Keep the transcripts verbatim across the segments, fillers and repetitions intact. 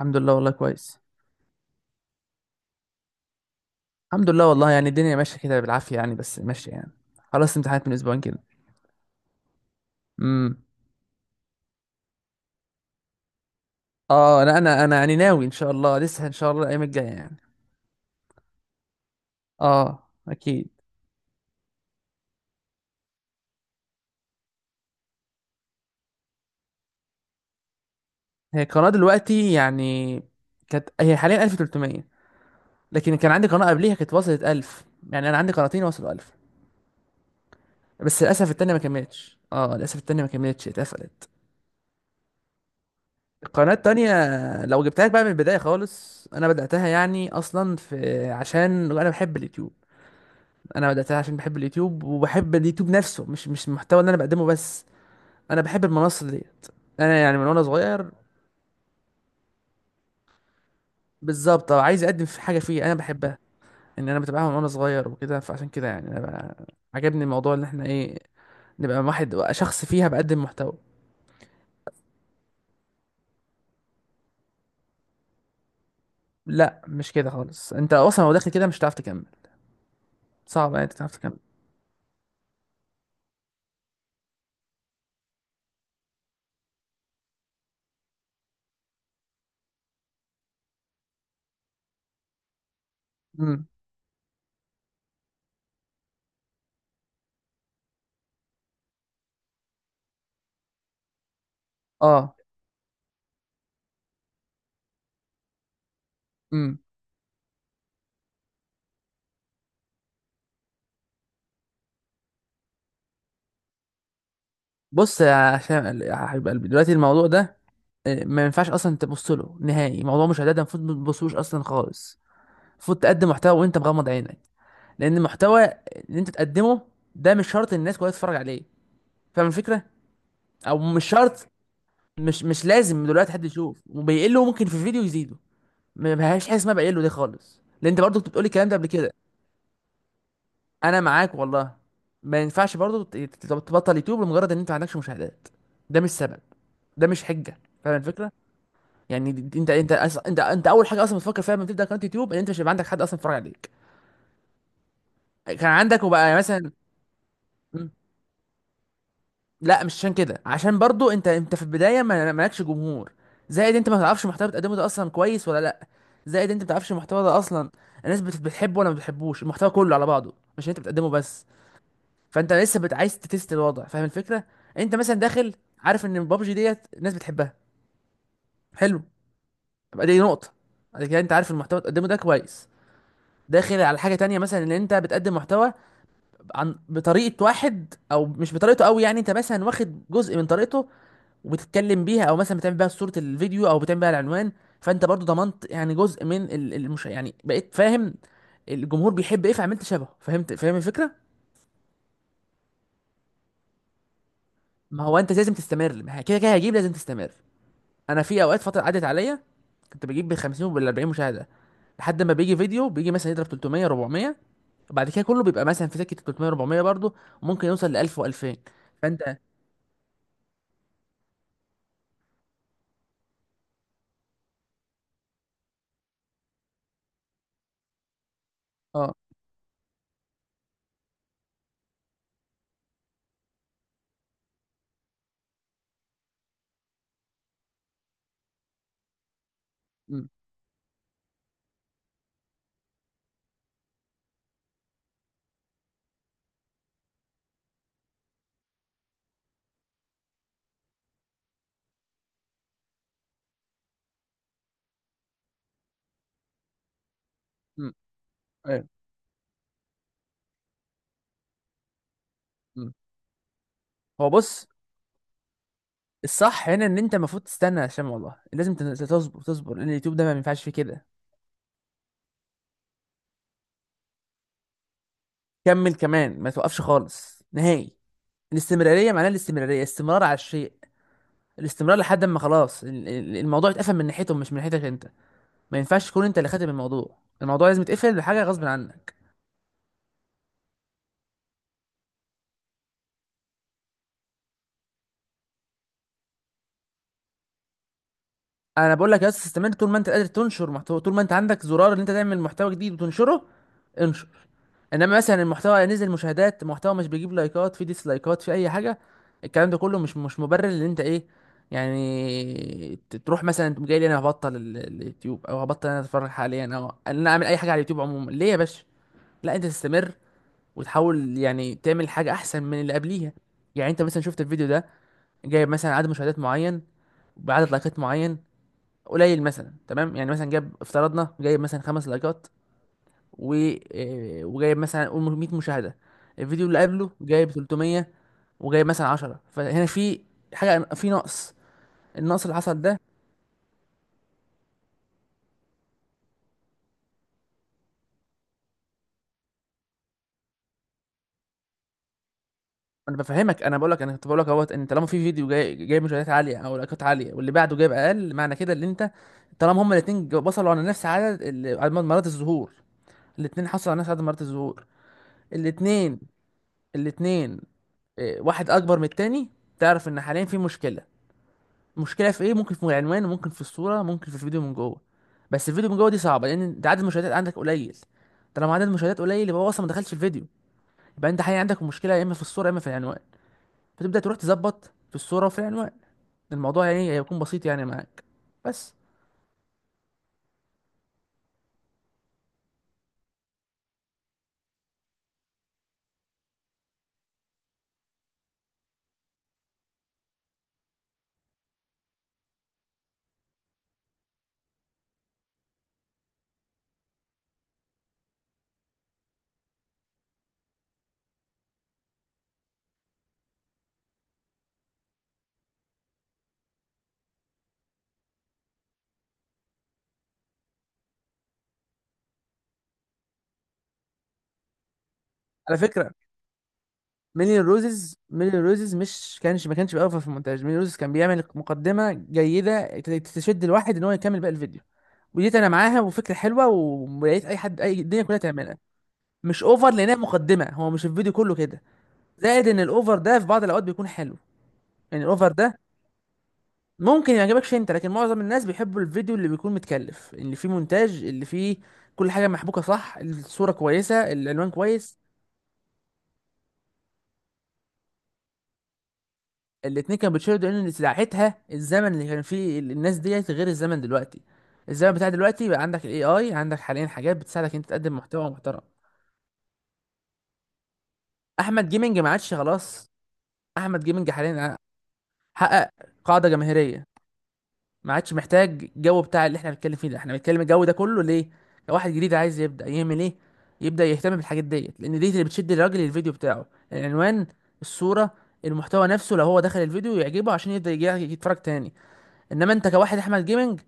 الحمد لله، والله كويس. الحمد لله والله، يعني الدنيا ماشيه كده بالعافيه يعني، بس ماشيه يعني. خلاص امتحانات من اسبوعين كده. امم اه، انا انا انا يعني ناوي ان شاء الله، لسه ان شاء الله الايام الجايه يعني. اه، اكيد. هي القناه دلوقتي يعني، كانت هي حاليا ألف وتلتمية، لكن كان عندي قناه قبليها كانت وصلت ألف. يعني انا عندي قناتين وصلوا ألف. بس للاسف التانيه ما كملتش، اه للاسف التانيه ما كملتش، اتقفلت. القناه التانيه لو جبتها لك بقى من البدايه خالص، انا بداتها يعني اصلا في عشان انا بحب اليوتيوب. انا بداتها عشان بحب اليوتيوب، وبحب اليوتيوب نفسه، مش مش المحتوى اللي انا بقدمه بس. انا بحب المنصه ديت. انا يعني من وانا صغير. بالظبط، آه، عايز اقدم في حاجه فيه انا بحبها. ان انا بتابعها من وانا صغير وكده، فعشان كده يعني انا بقى عجبني الموضوع ان احنا ايه، نبقى واحد شخص فيها بقدم محتوى. لا مش كده خالص، انت اصلا لو داخل كده مش هتعرف تكمل. صعب يعني انت تعرف تكمل. امم اه. امم بص، يا عشان يا حبيب قلبي دلوقتي الموضوع ده، آه، ما ينفعش اصلا تبص له نهائي. موضوع مشاهدات ده المفروض ما تبصوش اصلا خالص. المفروض تقدم محتوى وانت مغمض عينك، لان المحتوى اللي انت تقدمه ده مش شرط الناس كلها تتفرج عليه. فاهم الفكره؟ او مش شرط. مش مش لازم دلوقتي حد يشوف وبيقله، ممكن في فيديو يزيده. ما بهاش حاجه اسمها بيقله دي خالص، لان انت برضو كنت بتقولي الكلام ده قبل كده. انا معاك والله. ما ينفعش برضو ت- ت- تبطل يوتيوب لمجرد ان انت ما عندكش مشاهدات. ده مش سبب، ده مش حجه. فاهم الفكره؟ يعني دي- دي- انت انت أص- انت انت اول حاجه اصلا بتفكر فيها لما تبدا قناه يوتيوب، ان انت مش هيبقى عندك حد اصلا يتفرج عليك. كان عندك وبقى مثلا. لا مش عشان كده، عشان برضو انت انت في البدايه ما مالكش جمهور. زائد انت ما تعرفش المحتوى بتقدمه ده اصلا كويس ولا لا. زائد انت ما تعرفش المحتوى ده اصلا الناس بت- بتحبه ولا ما بتحبوش. المحتوى كله على بعضه، مش انت بتقدمه بس. فانت لسه بت عايز تتست الوضع. فاهم الفكره؟ انت مثلا داخل عارف ان بابجي ديت الناس بتحبها. حلو. يبقى دي نقطه. بعد كده انت عارف المحتوى اللي بتقدمه ده كويس، داخل على حاجه تانية، مثلا ان انت بتقدم محتوى عن بطريقه واحد، او مش بطريقته قوي يعني انت مثلا واخد جزء من طريقته وبتتكلم بيها، او مثلا بتعمل بيها صورة الفيديو، او بتعمل بيها العنوان. فانت برضو ضمنت يعني جزء من ال- المش يعني بقيت فاهم الجمهور بيحب ايه، فعملت شبهه، فهمت. فاهم الفكرة؟ ما هو انت لازم تستمر، ما هي كده كده هجيب. لازم تستمر. انا في اوقات فترة عدت عليا، كنت بجيب بال خمسين وبال اربعين مشاهدة، لحد ما بيجي فيديو بيجي مثلا يضرب تلتمية اربعمية، وبعد كده كله بيبقى مثلا في سكة تلتمية اربعمية برضو، وممكن يوصل ل ألف و2000. فانت اه. امم امم ايوه. امم هو بص، الصح هنا ان انت المفروض تستنى، عشان والله لازم تن- تصبر تصبر، لان اليوتيوب ده ما ينفعش فيه كده. كمل كمان، ما توقفش خالص نهائي. الاستمراريه معناها الاستمراريه، استمرار على الشيء. الاستمرار لحد ما خلاص ال- ال- الموضوع اتقفل من ناحيتهم، مش من ناحيتك انت. ما ينفعش تكون انت اللي خاتم الموضوع، الموضوع لازم يتقفل بحاجه غصب عنك. انا بقول لك يا اسطى، استمر طول ما انت قادر تنشر محتوى، طول ما انت عندك زرار ان انت تعمل محتوى جديد وتنشره، انشر. انما مثلا المحتوى نزل مشاهدات، محتوى مش بيجيب لايكات، في ديسلايكات، في اي حاجه، الكلام ده كله مش مش مبرر ان انت ايه، يعني ت- تروح مثلا تقوم جاي لي انا هبطل ال- اليوتيوب، او هبطل انا اتفرج حاليا، او ان انا اعمل اي حاجه على اليوتيوب عموما. ليه يا باشا؟ لا انت تستمر، وتحاول يعني تعمل حاجه احسن من اللي قبليها. يعني انت مثلا شفت الفيديو ده، جايب مثلا عدد مشاهدات معين، بعدد لايكات معين قليل مثلا، تمام؟ يعني مثلا جاب افترضنا جايب مثلا خمس لايكات و آه، وجايب مثلا قول مية مشاهده. الفيديو اللي قبله جايب تلتمية، وجايب مثلا عشرة. فهنا في حاجه، في نقص. النقص اللي حصل ده، انا بفهمك. انا بقول لك انا كنت بقول لك، اهوت ان طالما في فيديو جاي جايب مشاهدات عاليه او لايكات عاليه، واللي بعده جايب اقل، معنى كده ان انت طالما هما الاثنين وصلوا على نفس عدد ال- عدد مرات الظهور، الاثنين حصلوا على نفس عدد مرات الظهور، الاثنين الاثنين واحد اكبر من التاني، تعرف ان حاليا في مشكله. المشكله في ايه؟ ممكن في العنوان، وممكن في الصوره، ممكن في الفيديو من جوه. بس الفيديو من جوه دي صعبه، لان انت عدد المشاهدات عندك قليل. طالما عدد المشاهدات قليل، يبقى هو اصلا ما دخلش الفيديو. يبقى انت حقيقي عندك مشكله، يا اما في الصوره، يا اما في العنوان. فتبدا تروح تظبط في الصوره وفي العنوان. الموضوع يعني هيكون بسيط يعني معاك بس. على فكره، ميلين روزز ميلين روزز مش كانش ما كانش بيقف في المونتاج. ميلين روزز كان بيعمل مقدمه جيده ت- تشد الواحد ان هو يكمل باقي الفيديو. وديت انا معاها، وفكره حلوه، ويا ريت اي حد اي الدنيا كلها تعملها. مش اوفر، لانها مقدمه، هو مش الفيديو كله كده. زائد ان الاوفر ده في بعض الاوقات بيكون حلو. يعني الاوفر ده ممكن ما يعجبكش انت، لكن معظم الناس بيحبوا الفيديو اللي بيكون متكلف، اللي فيه مونتاج، اللي فيه كل حاجه محبوكه صح، الصوره كويسه، العنوان كويس. الاتنين كانوا بيتشيروا لان ساعتها الزمن اللي كان فيه الناس ديت غير الزمن دلوقتي. الزمن بتاع دلوقتي بقى عندك الاي اي، عندك حاليا حاجات بتساعدك انت تقدم محتوى محترم. احمد جيمنج ما عادش خلاص. احمد جيمنج حاليا حقق قاعده جماهيريه، ما عادش محتاج الجو بتاع اللي احنا بنتكلم فيه ده. احنا بنتكلم الجو ده كله ليه؟ لو واحد جديد عايز يبدا يعمل ايه؟ يبدا يهتم بالحاجات ديت، لان دي اللي بتشد الراجل للفيديو بتاعه. العنوان، الصوره، المحتوى نفسه، لو هو دخل الفيديو يعجبه عشان يبدا يجي يتفرج تاني. انما انت كواحد احمد جيمنج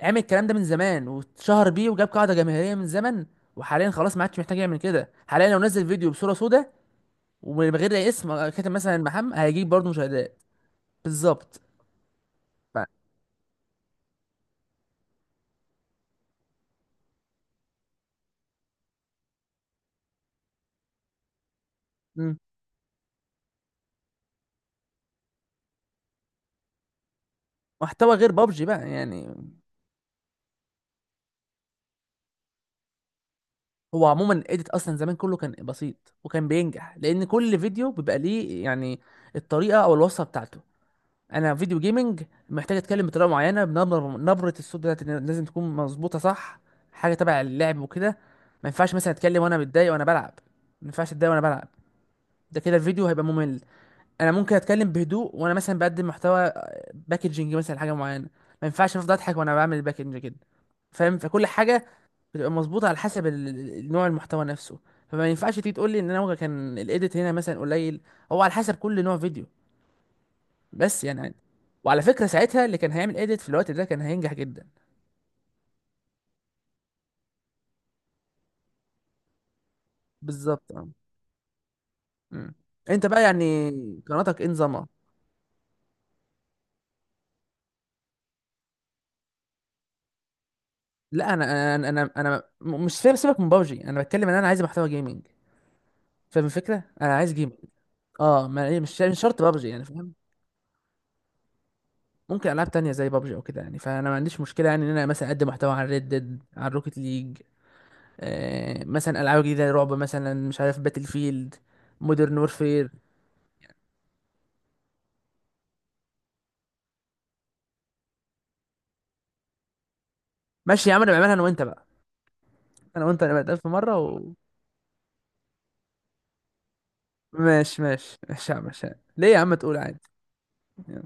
عامل الكلام ده من زمان واتشهر بيه وجاب قاعده جماهيريه من زمن، وحاليا خلاص ما عادش محتاج يعمل كده. حاليا لو نزل فيديو بصوره سوداء، ومن غير أي اسم كاتب مثلا محمد، هيجيب برضه مشاهدات. بالظبط. ف- مم. محتوى غير بابجي بقى يعني. هو عموما الايديت اصلا زمان كله كان بسيط وكان بينجح، لان كل فيديو بيبقى ليه يعني الطريقه او الوصفه بتاعته. انا فيديو جيمنج محتاج اتكلم بطريقه معينه، بنبره نبره الصوت بتاعتي لازم تكون مظبوطه صح، حاجه تبع اللعب وكده. ما ينفعش مثلا اتكلم وانا متضايق وانا بلعب. ما ينفعش اتضايق وانا بلعب، ده كده الفيديو هيبقى ممل. انا ممكن اتكلم بهدوء وانا مثلا بقدم محتوى، باكجنج مثلا حاجه معينه. ما ينفعش افضل اضحك وانا بعمل الباكجنج كده. فاهم؟ فكل حاجه بتبقى مظبوطه على حسب ال- ال- نوع المحتوى نفسه. فما ينفعش تيجي تقول لي ان انا كان الايديت هنا مثلا قليل، هو على حسب كل نوع فيديو. بس يعني عادي. وعلى فكره ساعتها اللي كان هيعمل ايديت في الوقت ده كان هينجح جدا. بالظبط اه. مم. انت بقى يعني قناتك ايه نظامها؟ لا انا انا انا انا م- مش فاهم. سيبك من بابجي، انا بتكلم ان انا عايز محتوى جيمنج. فاهم الفكره؟ انا عايز جيمنج. اه، ما مش مش شرط بابجي يعني، فاهم؟ ممكن العاب تانية زي بابجي او كده يعني، فانا ما عنديش مشكله يعني ان انا مثلا اقدم محتوى على ريد ديد، على روكيت ليج، آه، مثلا العاب جديده، رعب مثلا، مش عارف، باتل فيلد، مودرن وورفير. ماشي يا عم، انا بعملها انا وانت بقى. انا وانت نبقى نتقابل في مره و... ماشي ماشي ماشي يا عم ماشي. ليه يا عم، تقول عادي.